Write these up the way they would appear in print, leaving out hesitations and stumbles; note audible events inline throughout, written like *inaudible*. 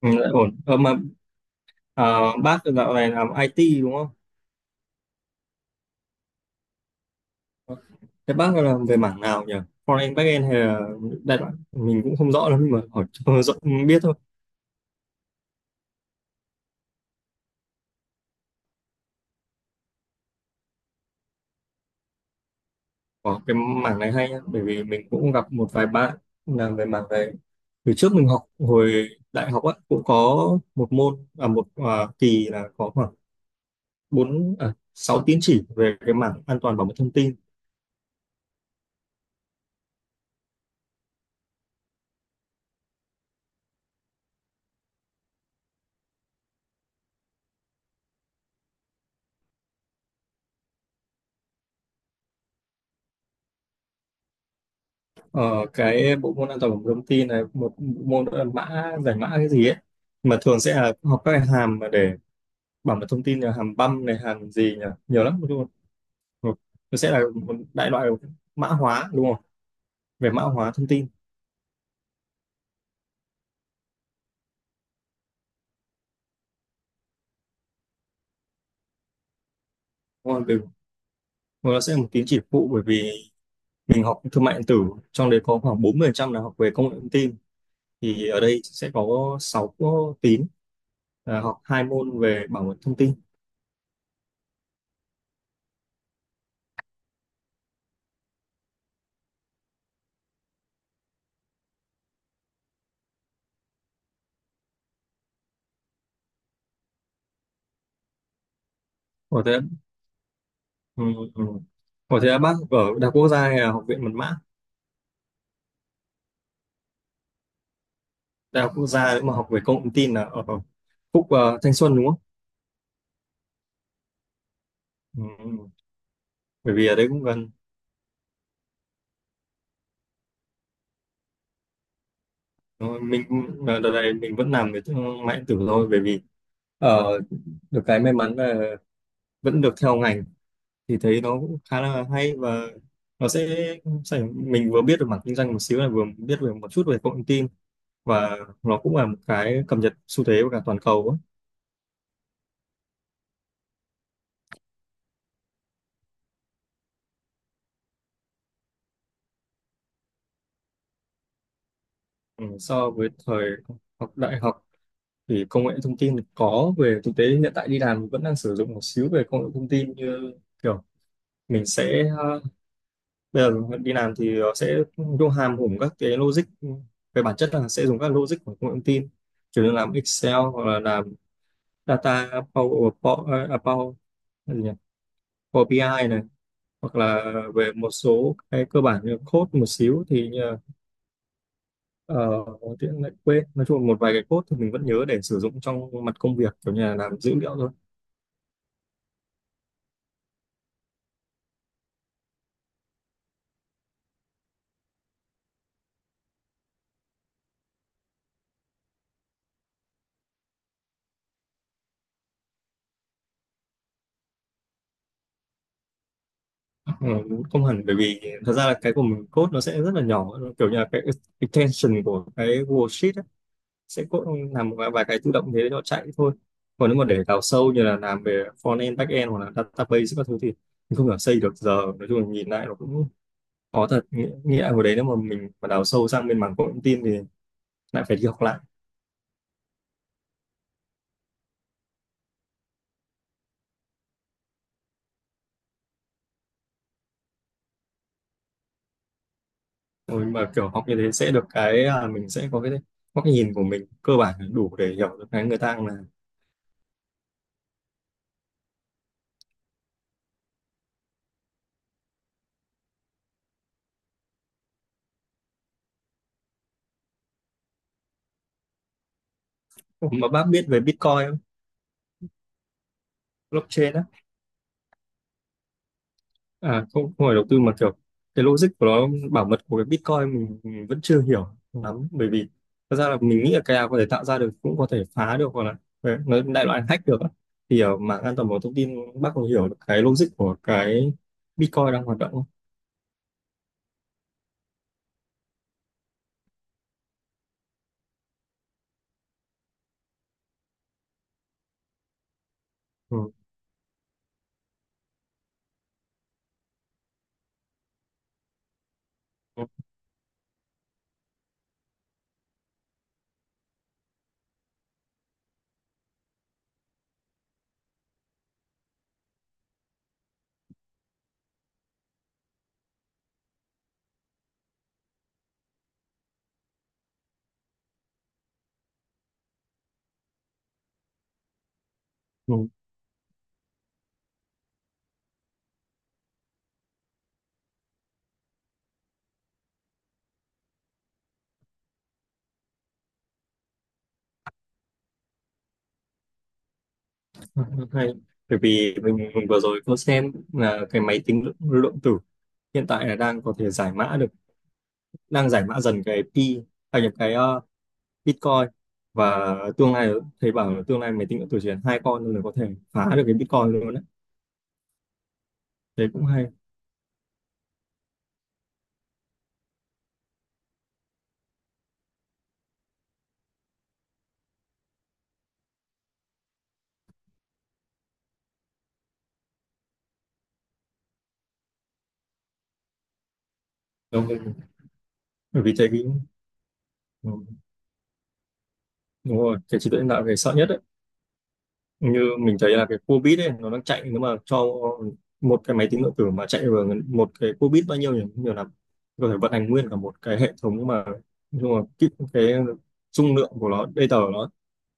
Ừ, lại ổn. Ờ, mà bác dạo này làm IT đúng không? Thế bác làm về mảng nào nhỉ? Front-end, back-end hay là đại loại? Mình cũng không rõ lắm nhưng mà hỏi cho *laughs* rõ, biết thôi. Có cái mảng này hay nhá, bởi vì mình cũng gặp một vài bạn làm về mảng này. Từ trước mình học hồi đại học á, cũng có một môn, một kỳ là có khoảng 6 tín chỉ về cái mảng an toàn bảo mật thông tin. Ờ, cái bộ môn an toàn của thông tin này một bộ môn đó là mã giải mã cái gì ấy, mà thường sẽ là học các cái hàm mà để bảo mật thông tin là hàm băm này, hàm gì nhỉ, nhiều lắm luôn. Nó sẽ là một đại loại mã hóa đúng không, về mã hóa thông tin. còn về- còn nó sẽ là một tín chỉ phụ, bởi vì mình học thương mại điện tử, trong đấy có khoảng 40% là học về công nghệ thông tin, thì ở đây sẽ có 6 tín là học hai môn về bảo mật thông tin. Có thế, ừ, ừ. Ủa thế là bác ở Đại học Quốc gia hay là Học viện Mật mã? Đại học Quốc gia nếu mà học về công nghệ thông tin là ở Phúc Thanh Xuân đúng không? Ừ. Ừ. Bởi vì ở đấy cũng gần. Ờ, mình cũng- đợt này mình vẫn làm về thương mại điện tử thôi, bởi vì ờ, được cái may mắn là vẫn được theo ngành, thì thấy nó cũng khá là hay, và nó sẽ, sẽ mình vừa biết được mảng kinh doanh một xíu là vừa biết về một chút về công nghệ thông tin, và nó cũng là một cái cập nhật xu thế của cả toàn cầu á. Ừ, so với thời học đại học thì công nghệ thông tin có về thực tế hiện tại, đi làm vẫn đang sử dụng một xíu về công nghệ thông tin, như kiểu mình sẽ bây giờ đi làm thì sẽ vô hàm hùng các cái logic, về bản chất là sẽ dùng các logic của công nghệ thông tin, chủ yếu làm Excel hoặc là làm data Power, cái gì nhỉ? Power BI ai này, hoặc là về một số cái cơ bản như code một xíu thì uh, lại quên, nói chung là một vài cái code thì mình vẫn nhớ để sử dụng trong mặt công việc kiểu như là làm dữ liệu thôi. Ừ, không hẳn, bởi vì thật ra là cái của mình code nó sẽ rất là nhỏ, nó kiểu như là cái extension của cái worksheet ấy, sẽ code làm một vài vài cái tự động thế nó chạy thôi. Còn nếu mà để đào sâu như là làm về front end, back end hoặc là database các thứ thì mình không thể xây được giờ, nói chung là nhìn lại nó cũng khó thật. Nghĩa là hồi đấy nếu mà mình mà đào sâu sang bên mảng công nghệ thông tin thì lại phải đi học lại, rồi mà kiểu học như thế sẽ được cái là mình sẽ có cái góc nhìn của mình cơ bản là đủ để hiểu được cái người ta là. Ủa, mà bác biết về Bitcoin không? Blockchain á. À, không, không phải đầu tư mà kiểu cái logic của nó bảo mật của cái Bitcoin mình vẫn chưa hiểu lắm, bởi vì thật ra là mình nghĩ là cái nào có thể tạo ra được cũng có thể phá được, hoặc là đấy, nói đại loại hack được á. Thì ở mạng an toàn bảo mật thông tin, bác có hiểu được cái logic của cái Bitcoin đang hoạt động không? Ừ. Ừ. Ừ. Hay. Bởi vì mình vừa rồi có xem là cái máy tính lượng tử hiện tại là đang có thể giải mã được, đang giải mã dần cái pi, nhập cái Bitcoin và tương lai, thầy bảo là tương lai máy tính điện tử chỉ cần hai con thôi là có thể phá được cái Bitcoin luôn đấy. Thế cũng hay. Đúng không? Bởi vì thấy cái ừ, đúng rồi, cái trí tuệ nhân tạo là cái sợ nhất đấy. Như mình thấy là cái cua bit ấy nó đang chạy, nếu mà cho một cái máy tính điện tử mà chạy vào một cái cua bit bao nhiêu nhỉ, nhiều lắm, có thể vận hành nguyên cả một cái hệ thống mà. Nhưng mà cái dung lượng của nó, data của nó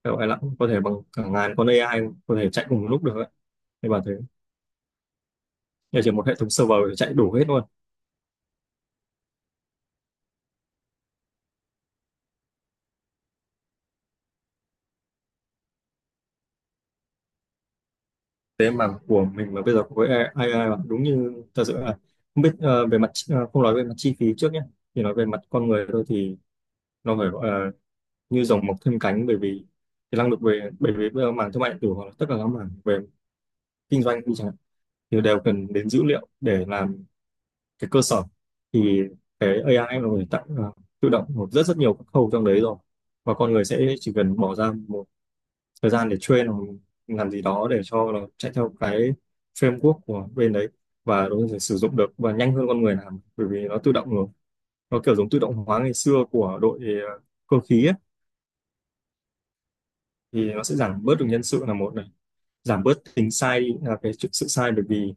phải gọi là có thể bằng cả ngàn con AI có thể chạy cùng một lúc được ấy. Thế bảo thế, nhà chỉ một hệ thống server thì chạy đủ hết luôn. Tế mà của mình mà bây giờ với AI mà đúng như thật sự là không biết về mặt không nói về mặt chi phí trước nhé, thì nói về mặt con người thôi thì nó phải gọi là như rồng mọc thêm cánh, bởi vì cái năng lực về, bởi vì bây giờ mảng thương mại điện tử hoặc là tất cả các mảng về kinh doanh đi chẳng hạn thì đều cần đến dữ liệu để làm cái cơ sở. Thì cái AI nó có thể tạo tự động một rất rất nhiều các khâu trong đấy rồi, và con người sẽ chỉ cần bỏ ra một thời gian để train hoặc làm gì đó để cho nó chạy theo cái framework của bên đấy, và nó có thể sử dụng được và nhanh hơn con người làm, bởi vì nó tự động rồi, nó kiểu giống tự động hóa ngày xưa của đội ờ, cơ khí ấy. Thì nó sẽ giảm bớt được nhân sự là một này, giảm bớt tính sai đi, là sự sai, bởi vì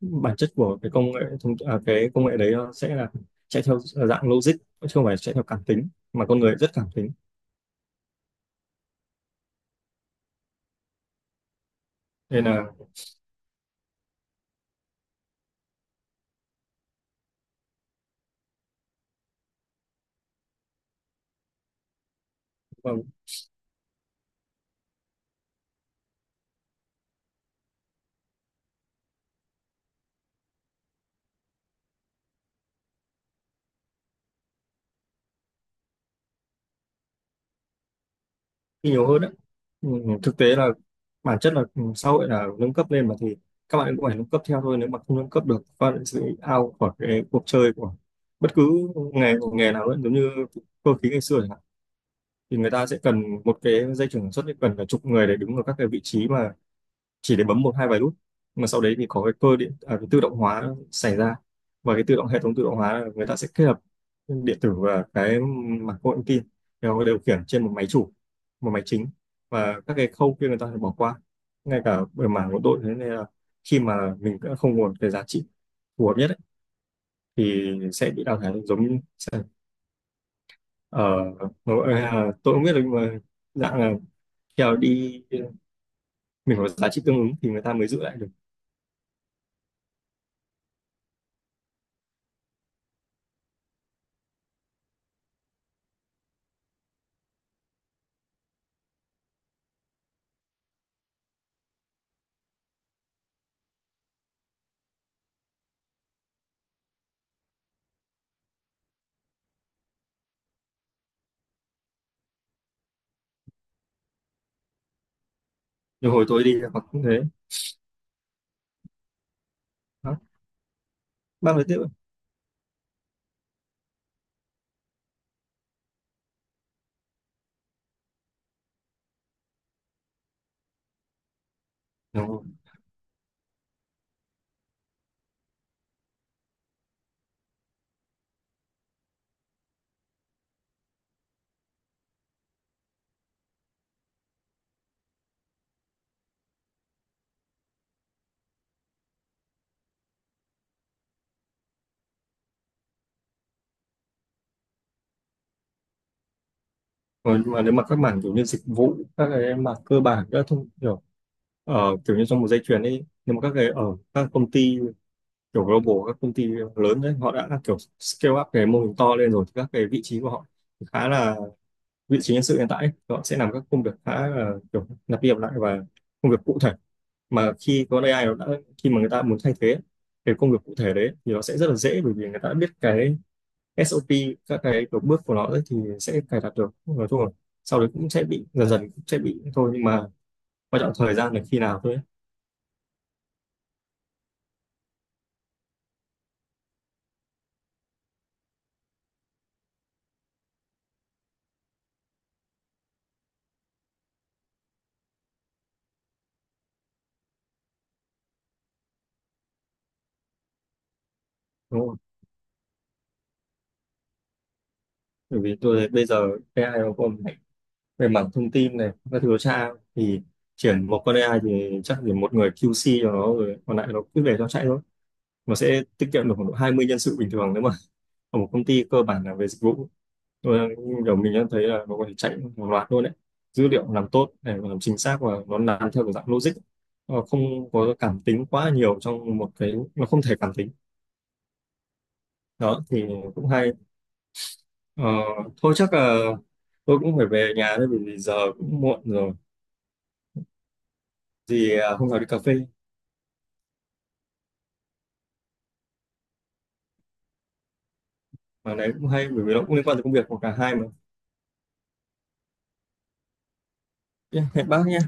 bản chất của cái công nghệ đấy nó sẽ là chạy theo dạng logic, chứ không phải chạy theo cảm tính mà con người rất cảm tính, nên là ờ, đi nhiều hơn đấy. Ừ, thực tế là bản chất là ừ, xã hội là nâng cấp lên mà, thì các bạn cũng phải nâng cấp theo thôi, nếu mà không nâng cấp được các bạn sẽ out khỏi cái cuộc chơi của bất cứ nghề nghề nào ấy, giống như cơ khí ngày xưa chẳng hạn, thì người ta sẽ cần một cái dây chuyền sản xuất thì cần cả chục người để đứng ở các cái vị trí mà chỉ để bấm một hai vài nút, mà sau đấy thì có cái cơ điện à, cái tự động hóa xảy ra, và cái tự động hệ thống tự động hóa là người ta sẽ kết hợp điện tử và cái mạch công nghệ thông tin đều điều khiển trên một máy chủ, một máy chính, và các cái khâu kia người ta phải bỏ qua ngay cả về mảng của đội. Thế nên là khi mà mình đã không nguồn cái giá trị phù hợp nhất ấy, thì sẽ bị đào thải, giống như ở tôi không biết được mà dạng là theo đi, mình có giá trị tương ứng thì người ta mới giữ lại được. Nhưng hồi tôi đi là cũng thế, mang lại tiếp đúng không? Nhưng mà nếu mà các mảng kiểu như dịch vụ, các cái mảng cơ bản các thông kiểu ở kiểu như trong một dây chuyền ấy, nhưng mà các cái ở các công ty kiểu global, các công ty lớn đấy họ đã kiểu scale up cái mô hình to lên rồi, thì các cái vị trí của họ khá là, vị trí nhân sự hiện tại ấy, họ sẽ làm các công việc khá là kiểu lặp đi lặp lại và công việc cụ thể, mà khi có AI nó đã, khi mà người ta muốn thay thế cái công việc cụ thể đấy thì nó sẽ rất là dễ, bởi vì người ta đã biết cái SOP, các cái kiểu bước của nó ấy thì sẽ cài đặt được, nói chung là sau đấy cũng sẽ bị dần dần cũng sẽ bị thôi, nhưng mà quan trọng thời gian là khi nào thôi ấy. Đúng không? Bởi vì tôi thấy bây giờ AI nó còn mạnh về mảng thông tin này các thứ nó tra, thì chuyển một con AI thì chắc chỉ một người QC cho nó rồi còn lại nó cứ để cho chạy thôi, nó sẽ tiết kiệm được khoảng độ 20 nhân sự bình thường nếu mà ở một công ty cơ bản là về dịch vụ. Tôi kiểu mình đã thấy là nó có thể chạy một loạt luôn đấy, dữ liệu làm tốt để mà làm chính xác và nó làm theo kiểu dạng logic. Nó không có cảm tính quá nhiều trong một cái, nó không thể cảm tính. Đó thì cũng hay. Ờ, thôi chắc là tôi cũng phải về nhà thôi, bởi vì giờ cũng muộn rồi. Thì hôm nào đi cà phê, mà đấy cũng hay bởi vì nó cũng liên quan tới công việc của cả hai mà. Yeah, hẹn bác nhé.